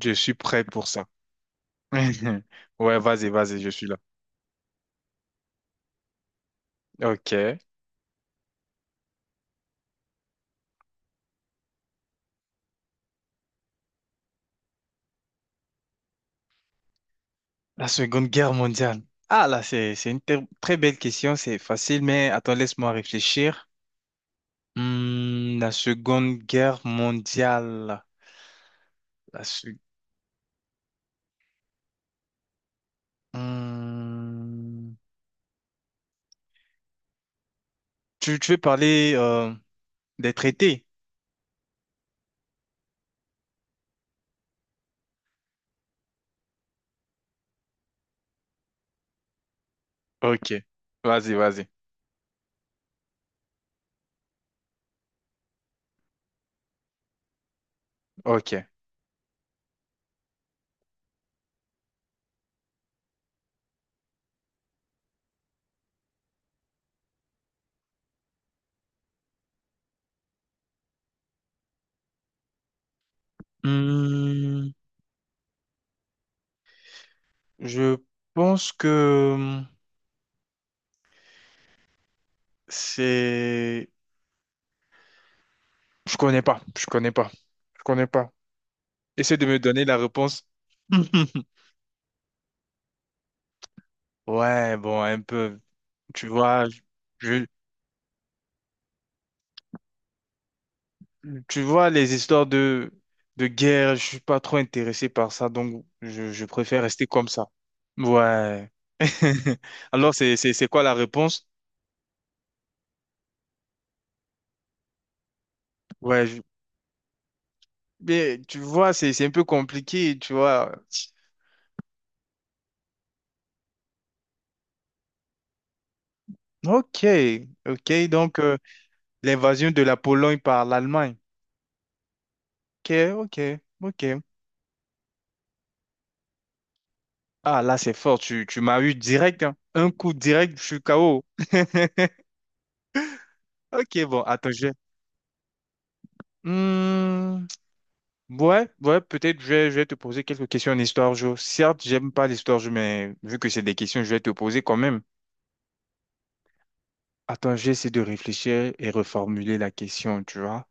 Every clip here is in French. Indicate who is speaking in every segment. Speaker 1: Je suis prêt pour ça. Ouais, vas-y, vas-y, je suis là. Ok. La Seconde Guerre mondiale. Ah, là, c'est une très belle question, c'est facile, mais attends, laisse-moi réfléchir. Hmm, la Seconde Guerre mondiale. La se- Hmm. Tu veux parler des traités? Ok. Vas-y, vas-y. Ok. Hmm, je pense que c'est... Je connais pas, je connais pas, je connais pas. Essaie de me donner la réponse. Ouais, bon, un peu. Tu vois, je, tu vois, les histoires de guerre, je suis pas trop intéressé par ça, donc je préfère rester comme ça. Ouais. Alors, c'est quoi la réponse? Ouais, je- mais tu vois, c'est un peu compliqué, tu vois. Ok, ok, donc l'invasion de la Pologne par l'Allemagne. Ok, ok, ok. Ah, là, c'est fort. Tu m'as eu direct, hein. Un coup direct, je suis KO. Ok, bon, attends, je... Hmm, ouais, ouais, peut-être je vais te poser quelques questions en histoire géo. Certes, j'aime pas l'histoire géo, mais vu que c'est des questions, je vais te poser quand même. Attends, j'essaie de réfléchir et reformuler la question, tu vois.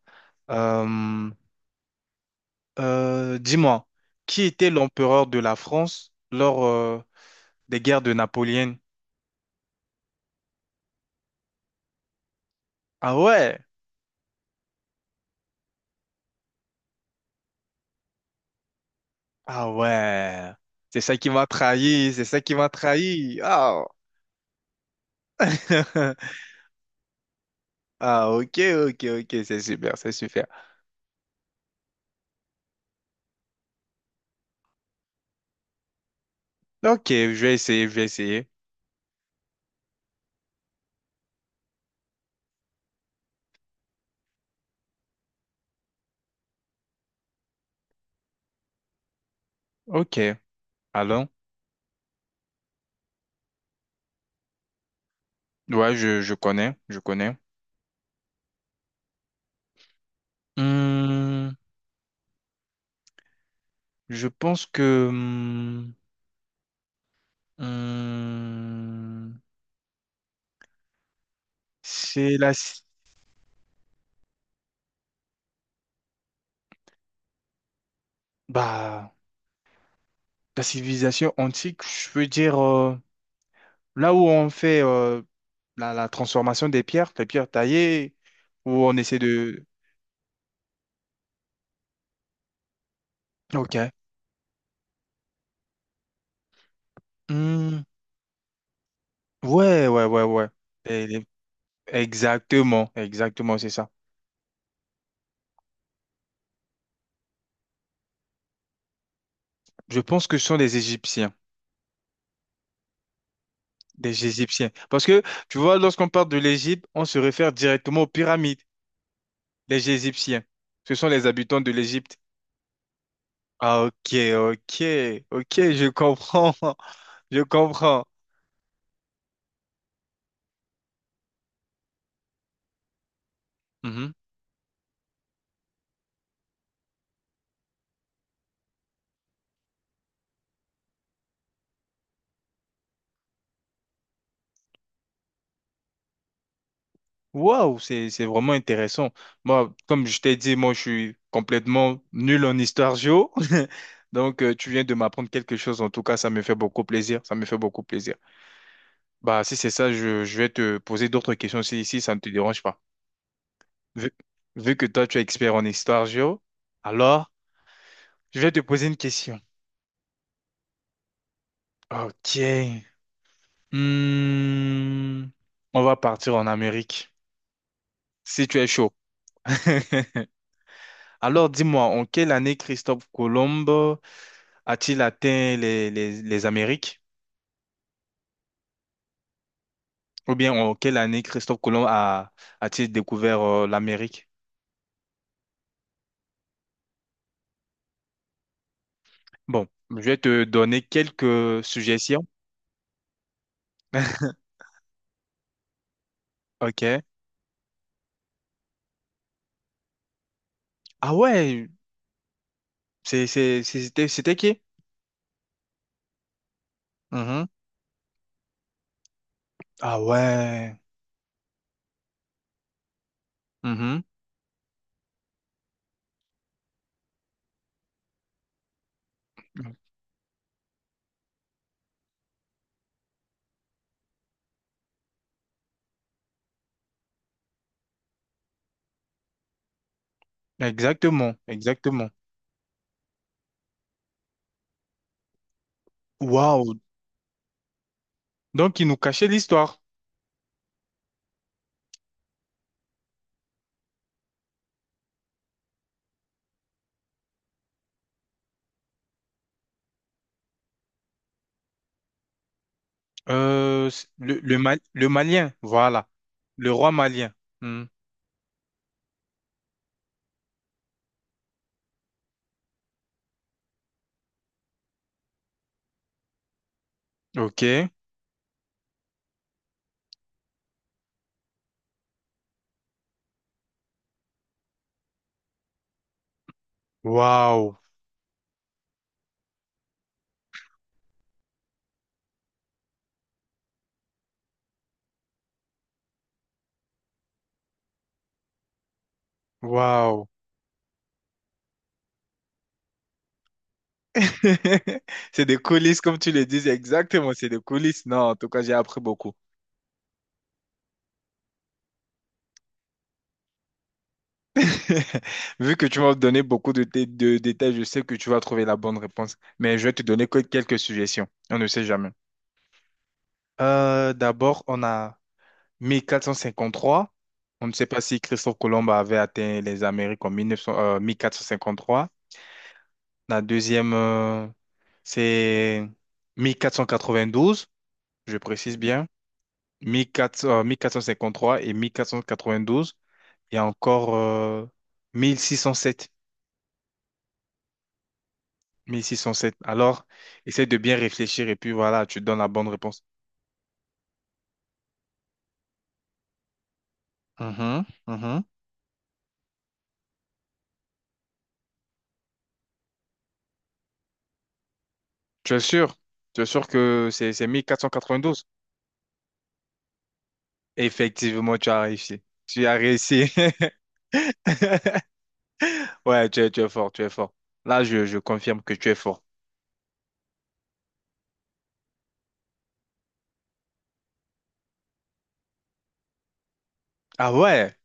Speaker 1: Euh, dis-moi, qui était l'empereur de la France lors des guerres de Napoléon? Ah ouais! Ah ouais, c'est ça qui m'a trahi, c'est ça qui m'a trahi. Ah. Ah ok, ok, ok, c'est super, c'est super. Ok, je vais essayer, je vais essayer. Ok, allons. Ouais, je connais, je connais. Hmm, je pense que hmm, hmm, c'est la, ci- Bah, la civilisation antique, je veux dire, là où on fait la, la transformation des pierres, les pierres taillées, où on essaie de... Ok. Hmm. Ouais, ouais, ouais, ouais. Et les- Exactement, exactement, c'est ça. Je pense que ce sont des Égyptiens, des Égyptiens. Parce que, tu vois, lorsqu'on parle de l'Égypte, on se réfère directement aux pyramides, les Égyptiens. Ce sont les habitants de l'Égypte. Ah, ok, ok, ok, je comprends. Je comprends. Mhm. Waouh, c'est vraiment intéressant. Moi, comme je t'ai dit, moi je suis complètement nul en histoire géo. Donc tu viens de m'apprendre quelque chose. En tout cas, ça me fait beaucoup plaisir. Ça me fait beaucoup plaisir. Bah si c'est ça, je vais te poser d'autres questions si ça ne te dérange pas. Vu, Vu que toi tu es expert en histoire géo, alors je vais te poser une question. Ok. Hmm. On va partir en Amérique. Si tu es chaud. Alors dis-moi, en quelle année Christophe Colomb a-t-il atteint les Amériques? Ou bien en quelle année Christophe Colomb a-t-il découvert l'Amérique? Bon, je vais te donner quelques suggestions. Ok. Ah ouais, c'était qui? Mhm. Ah ouais. Mhm. Exactement, exactement. Waouh. Donc, il nous cachait l'histoire. Euh, le Malien, voilà. Le roi malien. Hmm. Ok. Waouh. Waouh. C'est des coulisses, comme tu le dis, exactement, c'est des coulisses. Non, en tout cas, j'ai appris beaucoup. Vu que tu m'as donné beaucoup de, de détails, je sais que tu vas trouver la bonne réponse, mais je vais te donner que quelques suggestions. On ne sait jamais. D'abord, on a 1453. On ne sait pas si Christophe Colomb avait atteint les Amériques en 1900, 1453. La deuxième, c'est 1492, je précise bien. 1400, 1453 et 1492, et encore 1607. 1607. Alors, essaie de bien réfléchir et puis voilà, tu donnes la bonne réponse. Mhm, mhm. Tu es sûr? Tu es sûr que c'est 1492? Effectivement, tu as réussi. Tu as réussi. Ouais, tu es fort, tu es fort. Là, je confirme que tu es fort. Ah ouais,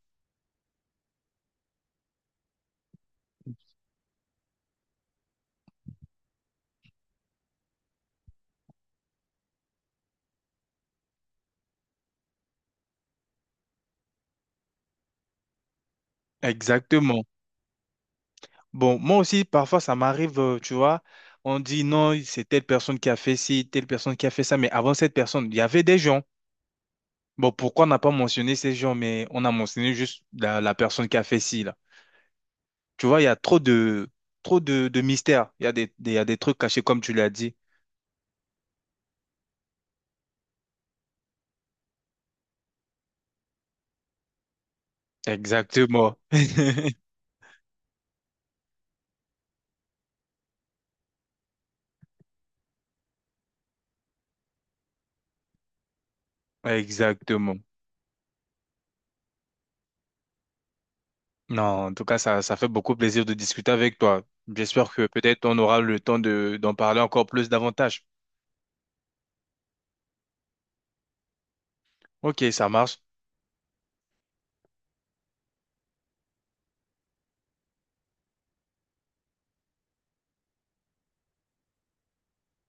Speaker 1: exactement. Bon, moi aussi, parfois, ça m'arrive, tu vois, on dit non, c'est telle personne qui a fait ci, telle personne qui a fait ça, mais avant cette personne, il y avait des gens. Bon, pourquoi on n'a pas mentionné ces gens, mais on a mentionné juste la personne qui a fait ci, là. Tu vois, il y a trop de mystères. Il y a il y a des trucs cachés, comme tu l'as dit. Exactement. Exactement. Non, en tout cas, ça fait beaucoup plaisir de discuter avec toi. J'espère que peut-être on aura le temps de, d'en parler encore plus davantage. Ok, ça marche.